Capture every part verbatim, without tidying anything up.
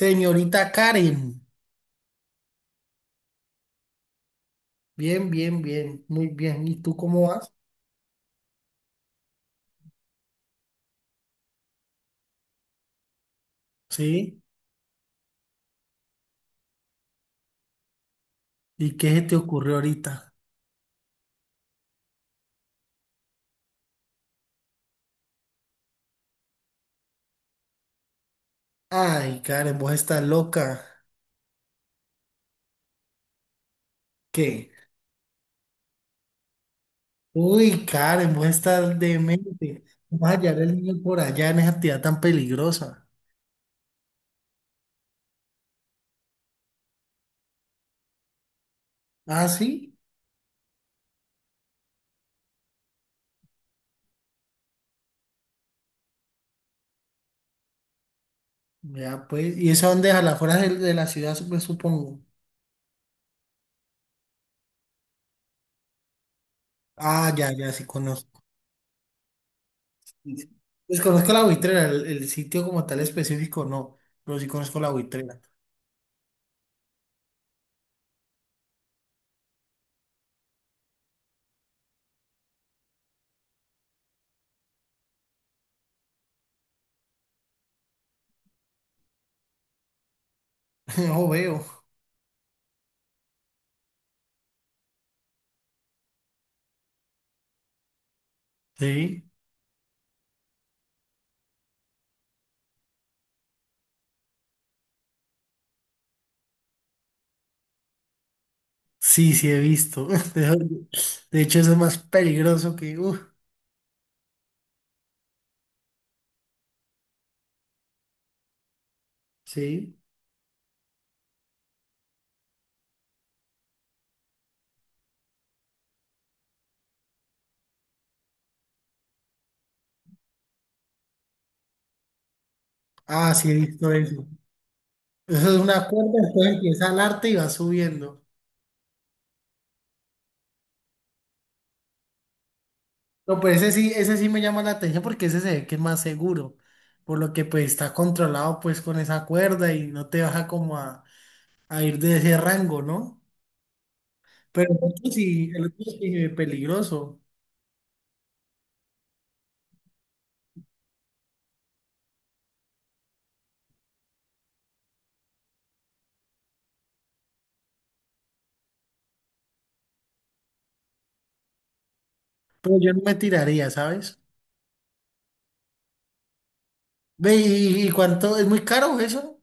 Señorita Karen, bien, bien, bien, muy bien. ¿Y tú cómo vas? ¿Sí? ¿Y qué se te ocurrió ahorita? Ay, Karen, vos estás loca. ¿Qué? Uy, Karen, vos estás demente. Vas a hallar el niño por allá en esa actividad tan peligrosa. Ah, sí. Ya, pues. ¿Y eso dónde es? A las afueras de, de la ciudad, sup- supongo. Ah, ya, ya, sí conozco. Pues conozco la buitrera, el, el sitio como tal específico, no. Pero sí conozco la buitrera. No veo. ¿Sí? Sí, sí, he visto. De de hecho, eso es más peligroso que... uf, sí. Ah, sí, he visto eso. Eso es una cuerda, entonces empieza al arte y va subiendo. No, pues ese sí, ese sí me llama la atención porque ese se ve que es más seguro. Por lo que pues está controlado pues con esa cuerda y no te baja como a, a ir de ese rango, ¿no? Pero el otro sí, el otro sí es peligroso. Pero yo no me tiraría, ¿sabes? Ve, ¿y, y cuánto? ¿Es muy caro eso?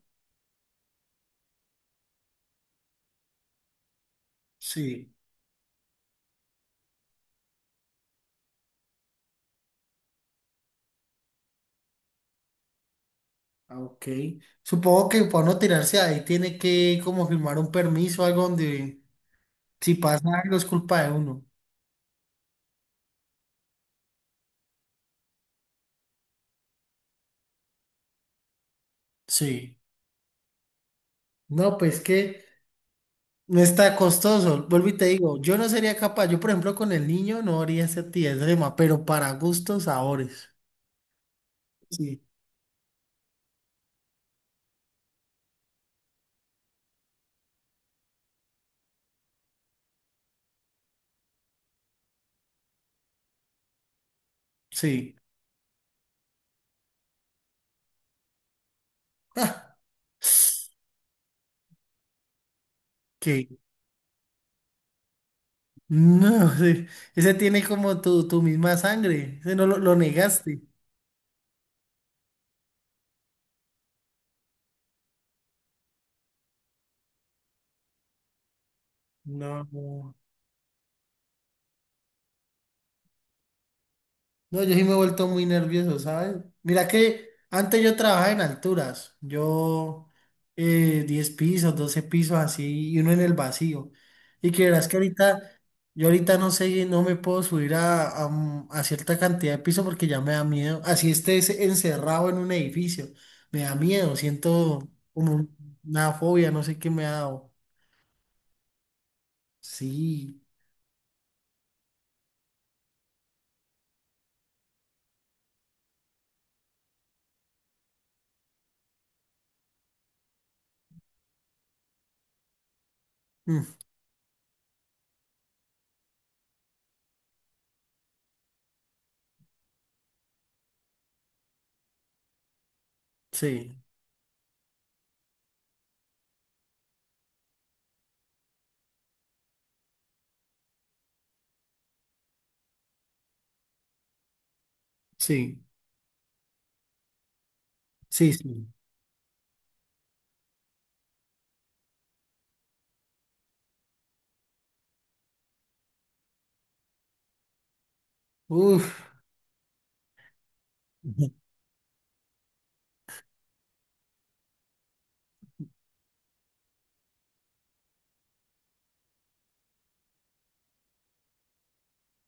Sí. Ah, ok. Supongo que para no tirarse ahí tiene que como firmar un permiso, algo donde si pasa algo es culpa de uno. Sí. No, pues que no está costoso. Vuelvo y te digo, yo no sería capaz. Yo, por ejemplo, con el niño no haría esa actividad extrema, pero para gustos, sabores. Sí. Sí. Ah, que no, ese, ese tiene como tu, tu misma sangre. Ese no lo, lo negaste. No. No, yo sí me he vuelto muy nervioso, ¿sabes? Mira que antes yo trabajaba en alturas, yo eh, diez pisos, doce pisos así, y uno en el vacío. Y que verás que ahorita, yo ahorita no sé, no me puedo subir a, a un- a cierta cantidad de pisos porque ya me da miedo. Así estés encerrado en un edificio, me da miedo, siento como una fobia, no sé qué me ha dado. Sí, mm, sí, sí, sí, sí. Uf.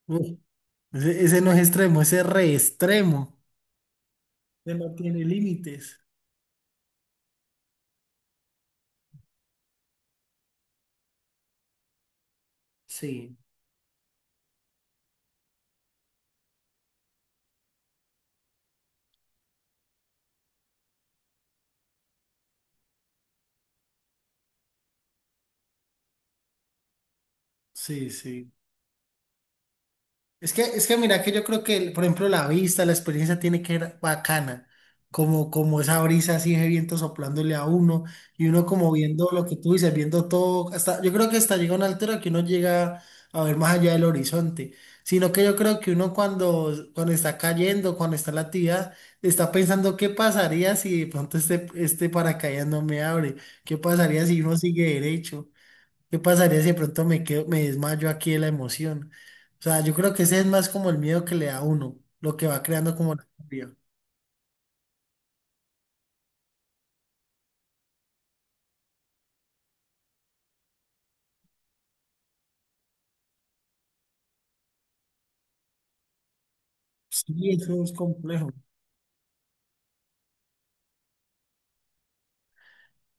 Ese, ese no es extremo, ese es re extremo. Ese no tiene límites. Sí. Sí, sí. Es que, es que mira que yo creo que, el- por ejemplo, la vista, la experiencia tiene que ser bacana, como, como esa brisa así de viento soplándole a uno y uno como viendo lo que tú dices, viendo todo, hasta, yo creo que hasta llega una altura que uno llega a ver más allá del horizonte, sino que yo creo que uno cuando, cuando está cayendo, cuando está en la actividad, está pensando qué pasaría si de pronto este, este paracaídas no me abre, qué pasaría si uno sigue derecho. ¿Qué pasaría si de pronto me quedo, me desmayo aquí de la emoción? O sea, yo creo que ese es más como el miedo que le da a uno, lo que va creando como la fobia. Sí, eso es complejo.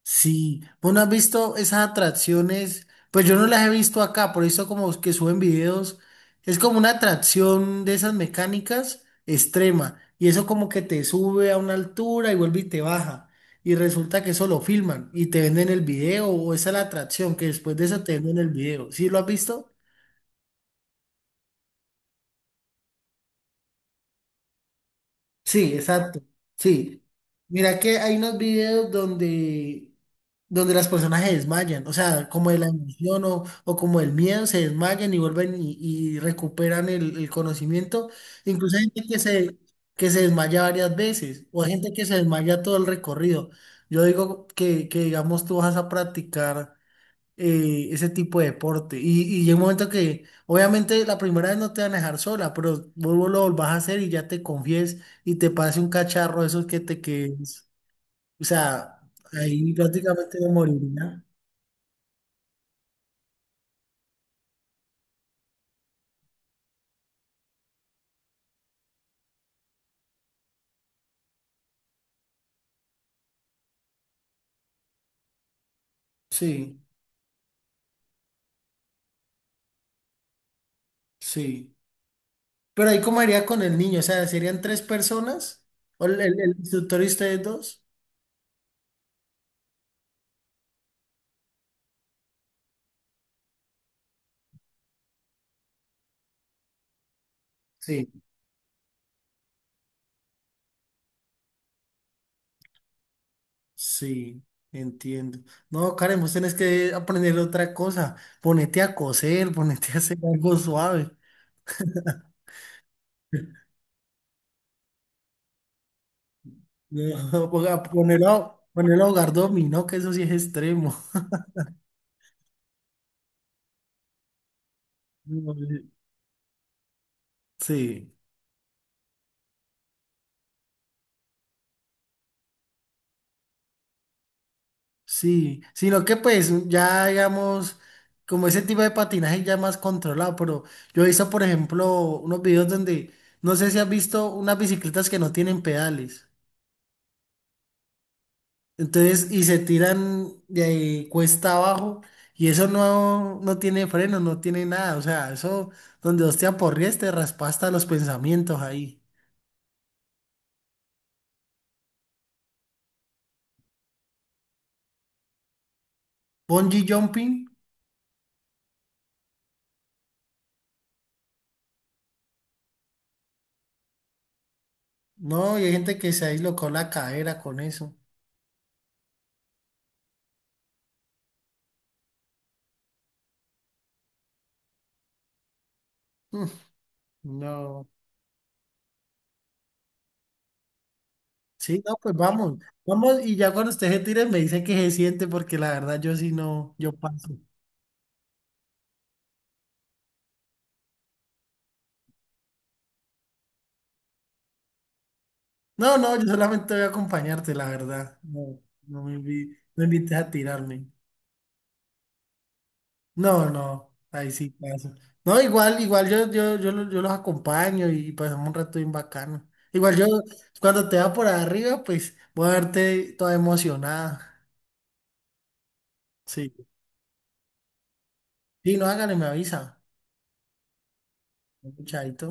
Sí, ¿vos no has visto esas atracciones? Pues yo no las he visto acá, por eso como que suben videos. Es como una atracción de esas mecánicas extrema. Y eso como que te sube a una altura y vuelve y te baja. Y resulta que eso lo filman y te venden el video o esa es la atracción que después de eso te venden el video. ¿Sí lo has visto? Sí, exacto. Sí. Mira que hay unos videos donde, donde las personas se desmayan, o sea, como de la emoción o, o como del miedo, se desmayan y vuelven y, y recuperan el, el conocimiento. Incluso hay gente que se, que se desmaya varias veces o hay gente que se desmaya todo el recorrido. Yo digo que, que digamos, tú vas a practicar eh, ese tipo de deporte. Y, y llega un momento que, obviamente, la primera vez no te van a dejar sola, pero vuelvo lo volvás a hacer y ya te confíes y te pase un cacharro de esos que te quedes. O sea, ahí prácticamente no moriría. Sí, sí. Pero ahí cómo haría con el niño, o sea, serían tres personas, o el, el- el instructor y ustedes dos. Sí, sí, entiendo. No, Karen, vos tenés que aprender otra cosa. Ponete a coser, ponete a hacer algo suave. No, ponga- ponelo, ponelo a jugar dominó, que eso sí es extremo. No, Sí, sí, sino que pues ya digamos, como ese tipo de patinaje ya más controlado, pero yo he visto, por ejemplo, unos videos donde, no sé si has visto unas bicicletas que no tienen pedales, entonces, y se tiran de ahí cuesta abajo, y eso no, no tiene freno, no tiene nada, o sea, eso donde hostia te aporrees, te raspa hasta los pensamientos ahí. Bungee jumping. No, y hay gente que se dislocó la cadera con eso. Mm, no. Sí, no, pues vamos. Vamos, y ya cuando usted se tire me dice que se siente, porque la verdad yo sí no, yo paso. No, no, yo solamente voy a acompañarte, la verdad. No, no me invi- no invites a tirarme. No, no, ahí sí paso. No, igual, igual yo, yo, yo, lo- yo los acompaño y pasamos un rato bien bacano. Igual yo, cuando te va por arriba, pues voy a verte toda emocionada. Sí. Sí, no, hágale, me avisa. Chaito.